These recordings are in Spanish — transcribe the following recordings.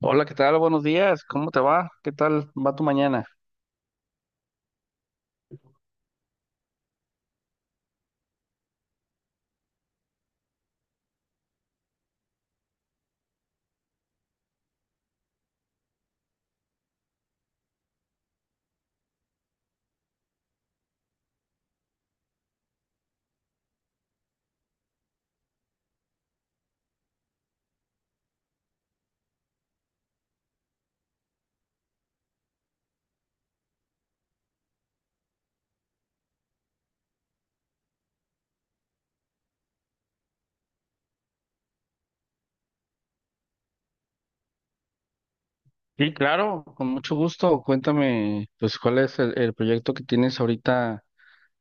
Hola, ¿qué tal? Buenos días. ¿Cómo te va? ¿Qué tal va tu mañana? Sí, claro, con mucho gusto. Cuéntame, pues, cuál es el proyecto que tienes ahorita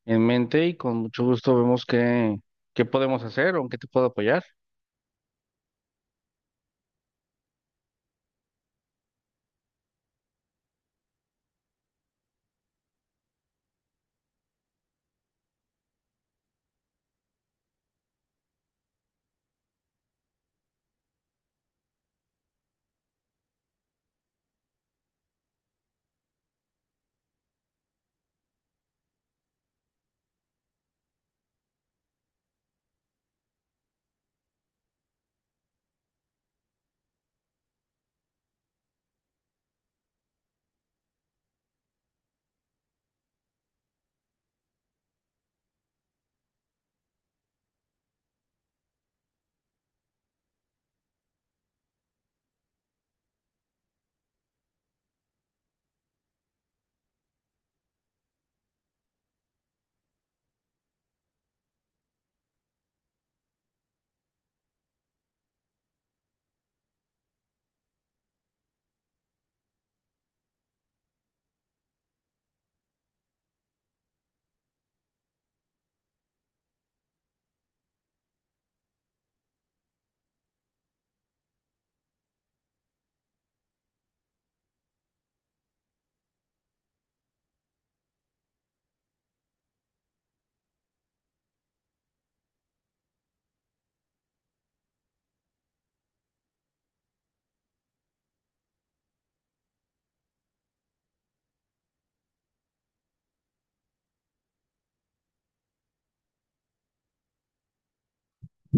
en mente y con mucho gusto vemos qué podemos hacer o en qué te puedo apoyar.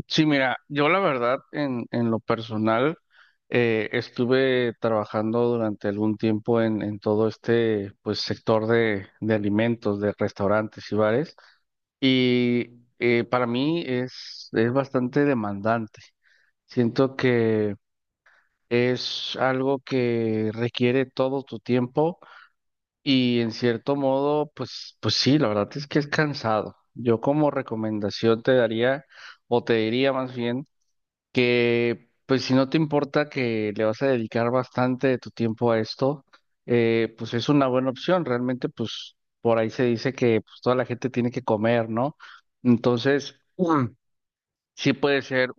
Sí, mira, yo la verdad, en lo personal, estuve trabajando durante algún tiempo en todo este, pues, sector de alimentos, de restaurantes y bares. Y para mí es bastante demandante. Siento que es algo que requiere todo tu tiempo y en cierto modo, pues, pues sí, la verdad es que es cansado. Yo como recomendación te daría, o te diría más bien, que pues si no te importa que le vas a dedicar bastante de tu tiempo a esto, pues es una buena opción. Realmente pues por ahí se dice que pues, toda la gente tiene que comer, ¿no? Entonces, sí puede ser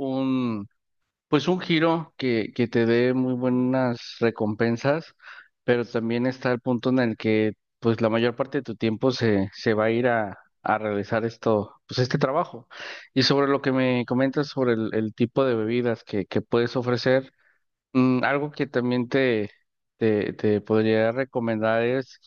pues un giro que te dé muy buenas recompensas, pero también está el punto en el que pues la mayor parte de tu tiempo se va a ir a realizar esto, pues este trabajo. Y sobre lo que me comentas sobre el tipo de bebidas que puedes ofrecer, algo que también te podría recomendar es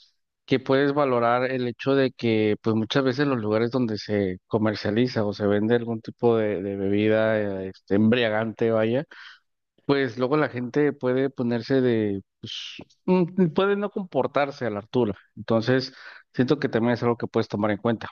que puedes valorar el hecho de que pues muchas veces los lugares donde se comercializa o se vende algún tipo de bebida este, embriagante, vaya, pues luego la gente puede ponerse de, pues, puede no comportarse a la altura. Entonces, siento que también es algo que puedes tomar en cuenta.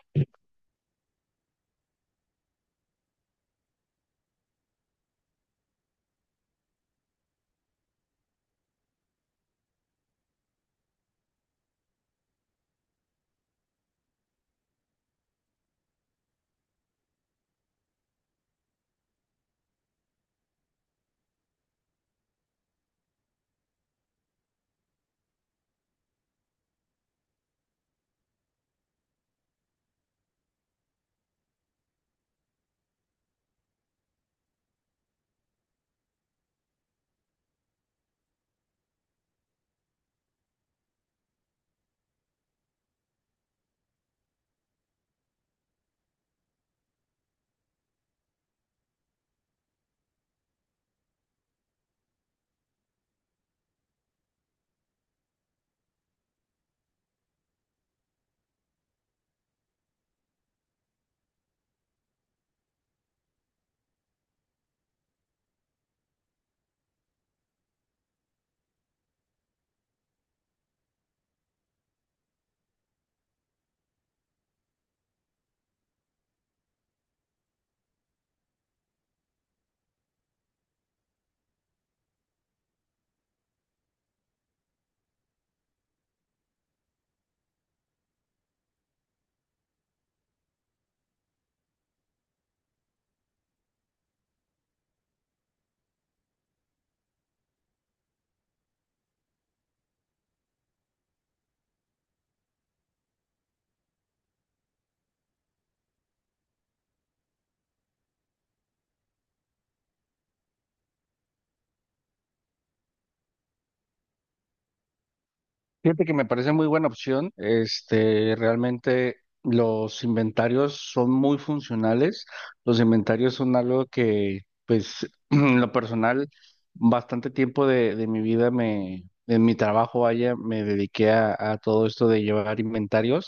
Fíjate que me parece muy buena opción. Este, realmente los inventarios son muy funcionales. Los inventarios son algo que, pues, en lo personal, bastante tiempo de mi vida me, en mi trabajo, vaya, me dediqué a todo esto de llevar inventarios.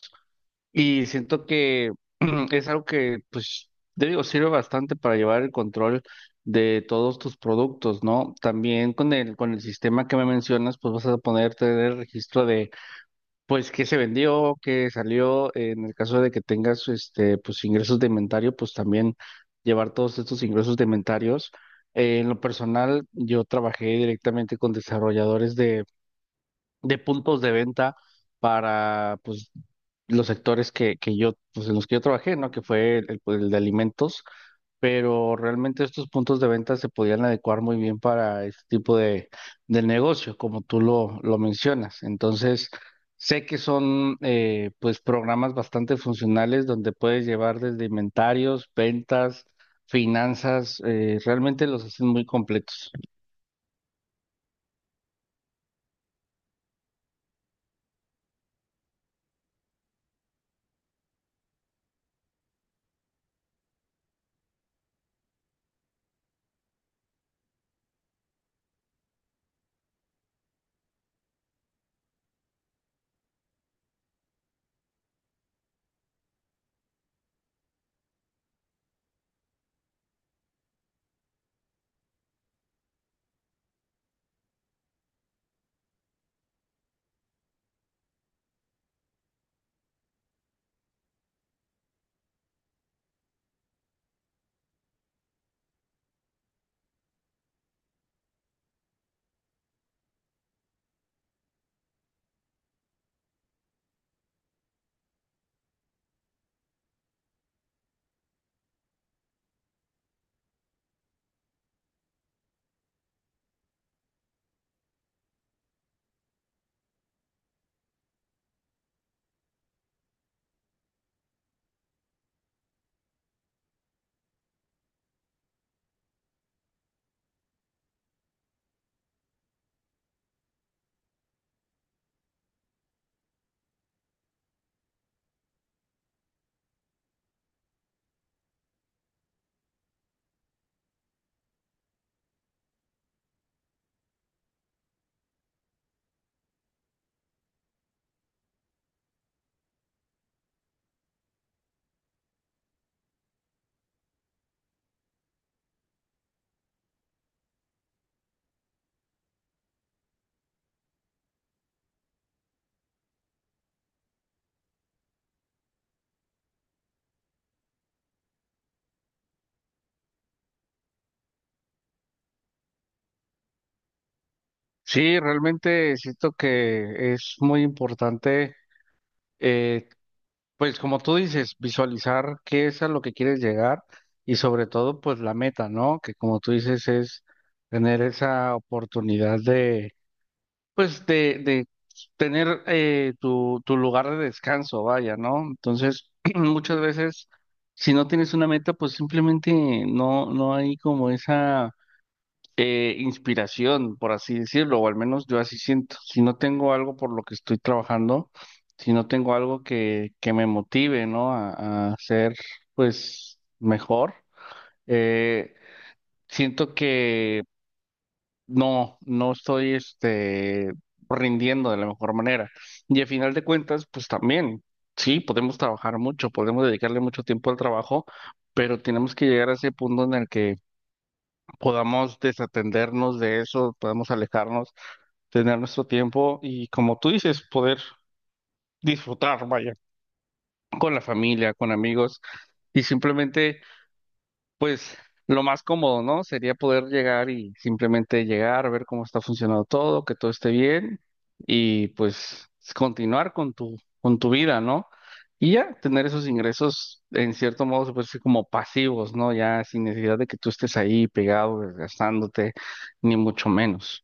Y siento que es algo que, pues, te digo, sirve bastante para llevar el control de todos tus productos, ¿no? También con con el sistema que me mencionas, pues vas a poder tener registro de, pues, qué se vendió, qué salió. En el caso de que tengas, este, pues, ingresos de inventario, pues también llevar todos estos ingresos de inventarios. En lo personal, yo trabajé directamente con desarrolladores de puntos de venta para pues los sectores que yo, pues en los que yo trabajé, ¿no? Que fue pues, el de alimentos, pero realmente estos puntos de venta se podían adecuar muy bien para este tipo de negocio, como tú lo mencionas. Entonces, sé que son pues programas bastante funcionales donde puedes llevar desde inventarios, ventas, finanzas, realmente los hacen muy completos. Sí, realmente siento que es muy importante. Eh, pues como tú dices, visualizar qué es a lo que quieres llegar y sobre todo pues la meta, ¿no? Que como tú dices es tener esa oportunidad de pues de tener tu lugar de descanso, vaya, ¿no? Entonces muchas veces si no tienes una meta pues simplemente no, no hay como esa inspiración, por así decirlo, o al menos yo así siento. Si no tengo algo por lo que estoy trabajando, si no tengo algo que me motive, ¿no? A ser, pues, mejor, eh, siento que no, no estoy, este, rindiendo de la mejor manera. Y al final de cuentas, pues también, sí, podemos trabajar mucho, podemos dedicarle mucho tiempo al trabajo, pero tenemos que llegar a ese punto en el que podamos desatendernos de eso, podamos alejarnos, tener nuestro tiempo y, como tú dices, poder disfrutar, vaya, con la familia, con amigos y simplemente, pues, lo más cómodo, ¿no? Sería poder llegar y simplemente llegar, ver cómo está funcionando todo, que todo esté bien y, pues, continuar con con tu vida, ¿no? Y ya tener esos ingresos, en cierto modo, se puede decir como pasivos, ¿no? Ya sin necesidad de que tú estés ahí pegado, desgastándote, ni mucho menos.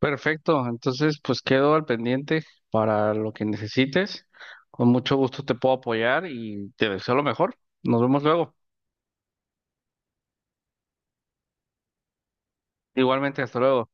Perfecto, entonces pues quedo al pendiente para lo que necesites. Con mucho gusto te puedo apoyar y te deseo lo mejor. Nos vemos luego. Igualmente, hasta luego.